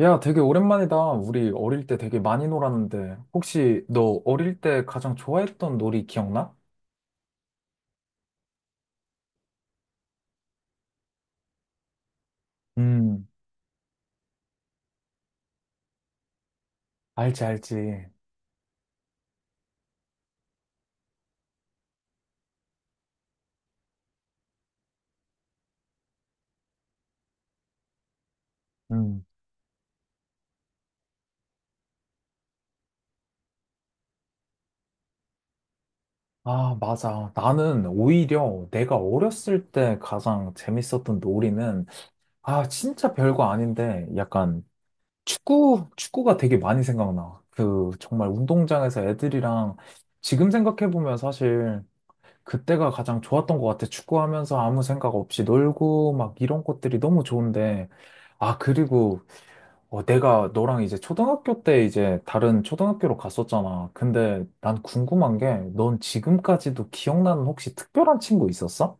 야, 되게 오랜만이다. 우리 어릴 때 되게 많이 놀았는데. 혹시 너 어릴 때 가장 좋아했던 놀이 기억나? 음. 알지, 알지. 음. 아, 맞아. 나는 오히려 내가 어렸을 때 가장 재밌었던 놀이는, 아, 진짜 별거 아닌데, 약간 축구가 되게 많이 생각나. 그, 정말 운동장에서 애들이랑, 지금 생각해보면 사실 그때가 가장 좋았던 것 같아. 축구하면서 아무 생각 없이 놀고 막 이런 것들이 너무 좋은데. 아, 그리고 내가 너랑 이제 초등학교 때 이제 다른 초등학교로 갔었잖아. 근데 난 궁금한 게 넌 지금까지도 기억나는 혹시 특별한 친구 있었어?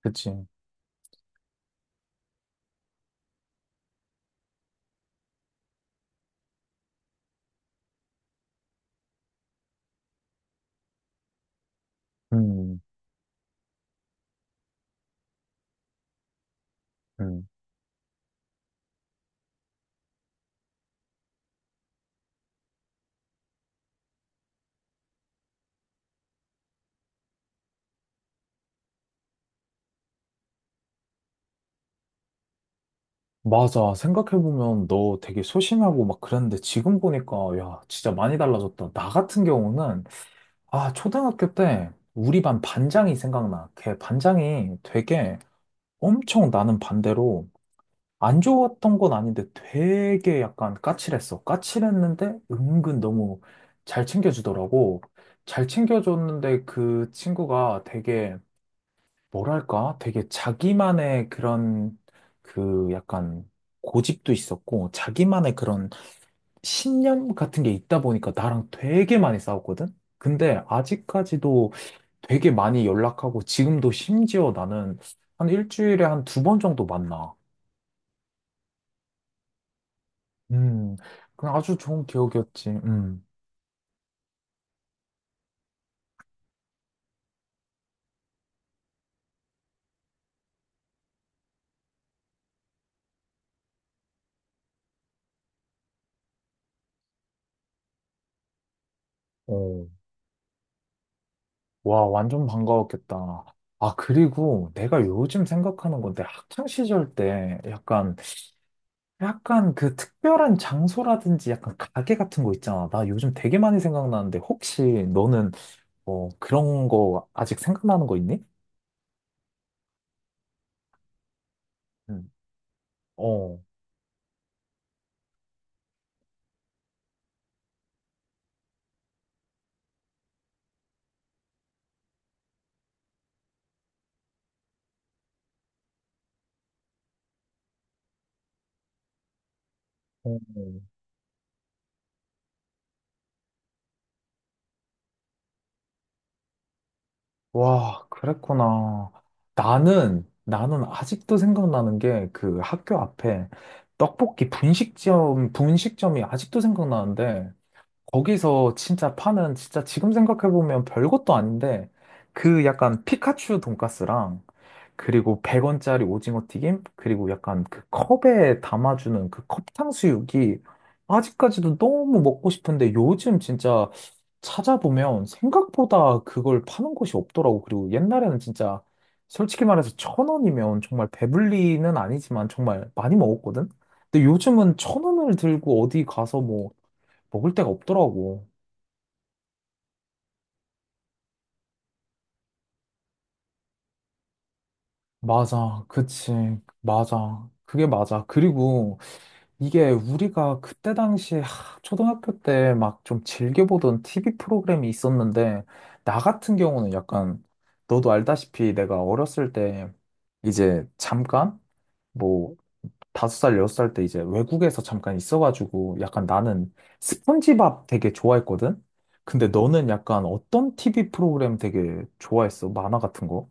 그치. 음, 음. 맞아. 생각해보면 너 되게 소심하고 막 그랬는데 지금 보니까 야, 진짜 많이 달라졌다. 나 같은 경우는 아, 초등학교 때 우리 반 반장이 생각나. 걔 반장이 되게 엄청 나는 반대로 안 좋았던 건 아닌데 되게 약간 까칠했어. 까칠했는데 은근 너무 잘 챙겨주더라고. 잘 챙겨줬는데 그 친구가 되게 뭐랄까? 되게 자기만의 그런 그 약간 고집도 있었고 자기만의 그런 신념 같은 게 있다 보니까 나랑 되게 많이 싸웠거든? 근데 아직까지도 되게 많이 연락하고 지금도 심지어 나는 한 일주일에 한 두 번 정도 만나. 음. 그냥 아주 좋은 기억이었지. 음. 어. 와, 완전 반가웠겠다. 아, 그리고 내가 요즘 생각하는 건데, 학창 시절 때 약간 그 특별한 장소라든지 약간 가게 같은 거 있잖아. 나 요즘 되게 많이 생각나는데, 혹시 너는 그런 거 아직 생각나는 거 있니? 음. 어, 어. 와, 그랬구나. 나는 아직도 생각나는 게 그 학교 앞에 떡볶이 분식점이 아직도 생각나는데 거기서 진짜 파는 진짜 지금 생각해보면 별것도 아닌데 그 약간 피카츄 돈까스랑 그리고 100원짜리 오징어 튀김, 그리고 약간 그 컵에 담아주는 그 컵탕수육이 아직까지도 너무 먹고 싶은데 요즘 진짜 찾아보면 생각보다 그걸 파는 곳이 없더라고. 그리고 옛날에는 진짜 솔직히 말해서 천 원이면 정말 배불리는 아니지만 정말 많이 먹었거든? 근데 요즘은 천 원을 들고 어디 가서 뭐 먹을 데가 없더라고. 맞아. 그치. 맞아. 그게 맞아. 그리고 이게 우리가 그때 당시에 하, 초등학교 때 막 좀 즐겨보던 TV 프로그램이 있었는데, 나 같은 경우는 약간, 너도 알다시피 내가 어렸을 때 이제 잠깐, 뭐, 5살, 6살 때 이제 외국에서 잠깐 있어가지고 약간 나는 스폰지밥 되게 좋아했거든? 근데 너는 약간 어떤 TV 프로그램 되게 좋아했어? 만화 같은 거?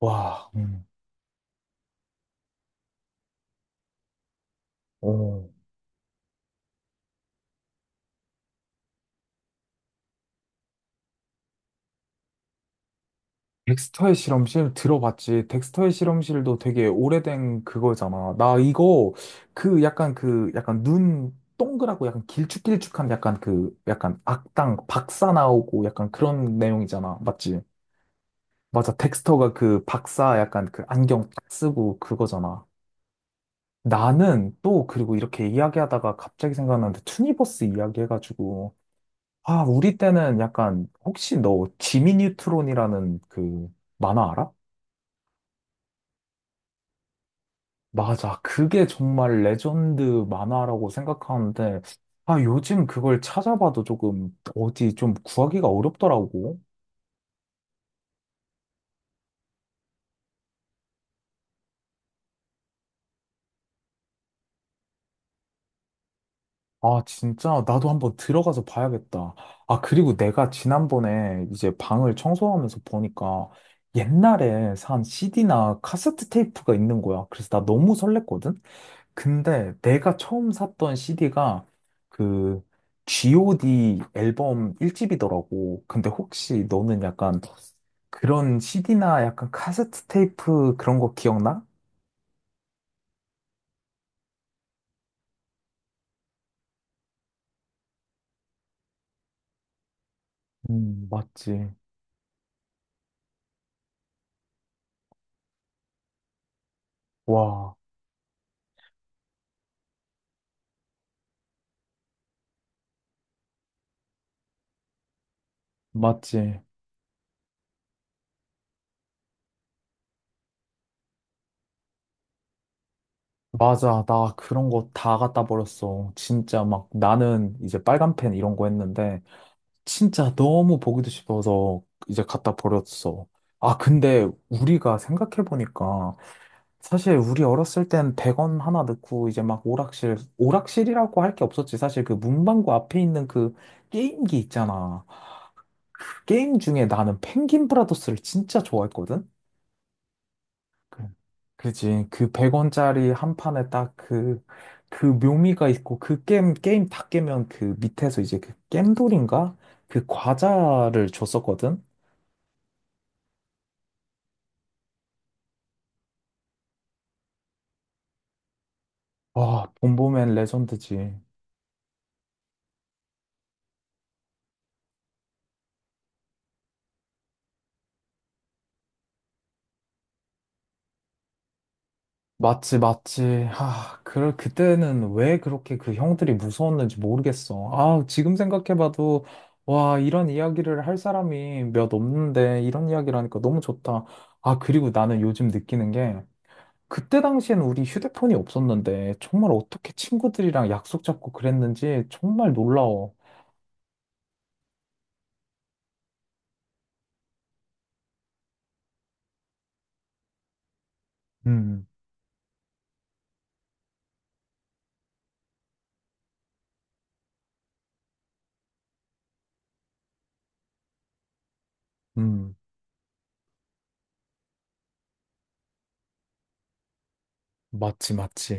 와, 오. 덱스터의 실험실 들어봤지. 덱스터의 실험실도 되게 오래된 그거잖아. 나 이거 그 약간 그 약간 눈 동그랗고 약간 길쭉길쭉한 약간 그 약간 악당 박사 나오고 약간 그런 내용이잖아. 맞지? 맞아. 덱스터가 그 박사 약간 그 안경 딱 쓰고 그거잖아. 나는 또 그리고 이렇게 이야기하다가 갑자기 생각났는데 투니버스 이야기 해가지고 아 우리 때는 약간 혹시 너 지미 뉴트론이라는 그 만화 알아? 맞아. 그게 정말 레전드 만화라고 생각하는데, 아, 요즘 그걸 찾아봐도 조금 어디 좀 구하기가 어렵더라고. 아, 진짜 나도 한번 들어가서 봐야겠다. 아, 그리고 내가 지난번에 이제 방을 청소하면서 보니까 옛날에 산 CD나 카세트 테이프가 있는 거야. 그래서 나 너무 설렜거든? 근데 내가 처음 샀던 CD가 그 G.O.D 앨범 1집이더라고. 근데 혹시 너는 약간 그런 CD나 약간 카세트 테이프 그런 거 기억나? 맞지. 와, 맞지. 맞아. 나 그런 거 다 갖다 버렸어. 진짜 막 나는 이제 빨간 펜 이런 거 했는데 진짜 너무 보기도 싶어서 이제 갖다 버렸어. 아, 근데 우리가 생각해보니까 사실 우리 어렸을 땐 100원 하나 넣고 이제 막 오락실이라고 할 게 없었지. 사실 그 문방구 앞에 있는 그 게임기 있잖아. 그 게임 중에 나는 펭귄 브라더스를 진짜 좋아했거든? 그- 그지. 그 100원짜리 한 판에 딱 그, 그 묘미가 있고 그 게임 다 깨면 그 밑에서 이제 그 겜돌인가? 그 과자를 줬었거든? 와, 봄봄엔 보맨 레전드지. 맞지, 맞지. 아, 그럴 그때는 왜 그렇게 그 형들이 무서웠는지 모르겠어. 아, 지금 생각해봐도 와, 이런 이야기를 할 사람이 몇 없는데 이런 이야기를 하니까 너무 좋다. 아, 그리고 나는 요즘 느끼는 게 그때 당시엔 우리 휴대폰이 없었는데 정말 어떻게 친구들이랑 약속 잡고 그랬는지 정말 놀라워. 음, 음, 맞지, 맞지.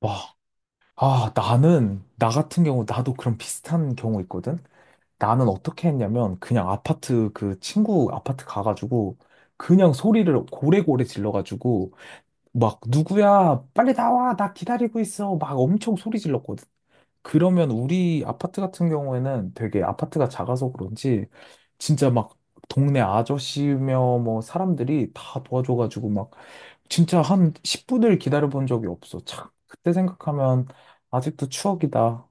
와, 아, 나는, 나 같은 경우 나도 그런 비슷한 경우 있거든. 나는 어떻게 했냐면 그냥 아파트 그 친구 아파트 가가지고 그냥 소리를 고래고래 질러가지고 막 누구야 빨리 나와 나 기다리고 있어 막 엄청 소리 질렀거든. 그러면 우리 아파트 같은 경우에는 되게 아파트가 작아서 그런지 진짜 막 동네 아저씨며 뭐 사람들이 다 도와줘가지고 막 진짜 한 10분을 기다려본 적이 없어. 참 그때 생각하면 아직도 추억이다.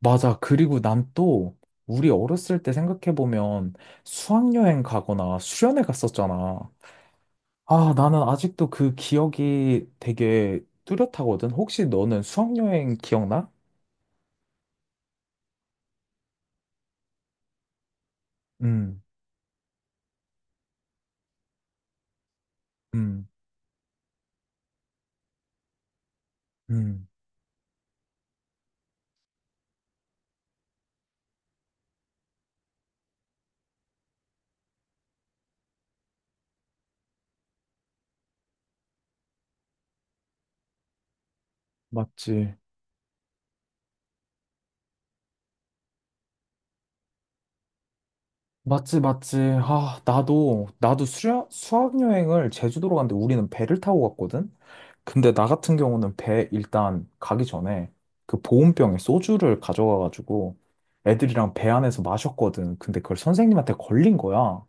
맞아. 그리고 난 또 우리 어렸을 때 생각해보면 수학여행 가거나 수련회 갔었잖아. 아, 나는 아직도 그 기억이 되게 뚜렷하거든. 혹시 너는 수학여행 기억나? 음, 음, 음. 맞지. 맞지, 맞지. 아, 나도 수학 여행을 제주도로 갔는데 우리는 배를 타고 갔거든? 근데 나 같은 경우는 배 일단 가기 전에 그 보온병에 소주를 가져가가지고 애들이랑 배 안에서 마셨거든. 근데 그걸 선생님한테 걸린 거야.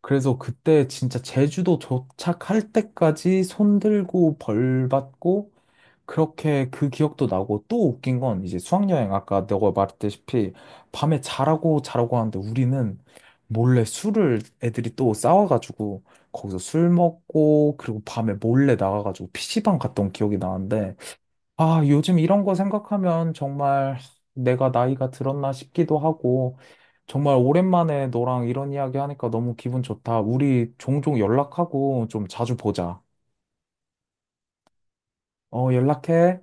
그래서 그때 진짜 제주도 도착할 때까지 손 들고 벌 받고 그렇게 그 기억도 나고 또 웃긴 건 이제 수학여행 아까 너가 말했다시피 밤에 자라고 자라고 하는데 우리는 몰래 술을 애들이 또 싸워가지고 거기서 술 먹고 그리고 밤에 몰래 나가가지고 PC방 갔던 기억이 나는데 아 요즘 이런 거 생각하면 정말 내가 나이가 들었나 싶기도 하고 정말 오랜만에 너랑 이런 이야기 하니까 너무 기분 좋다. 우리 종종 연락하고 좀 자주 보자. 어 연락해.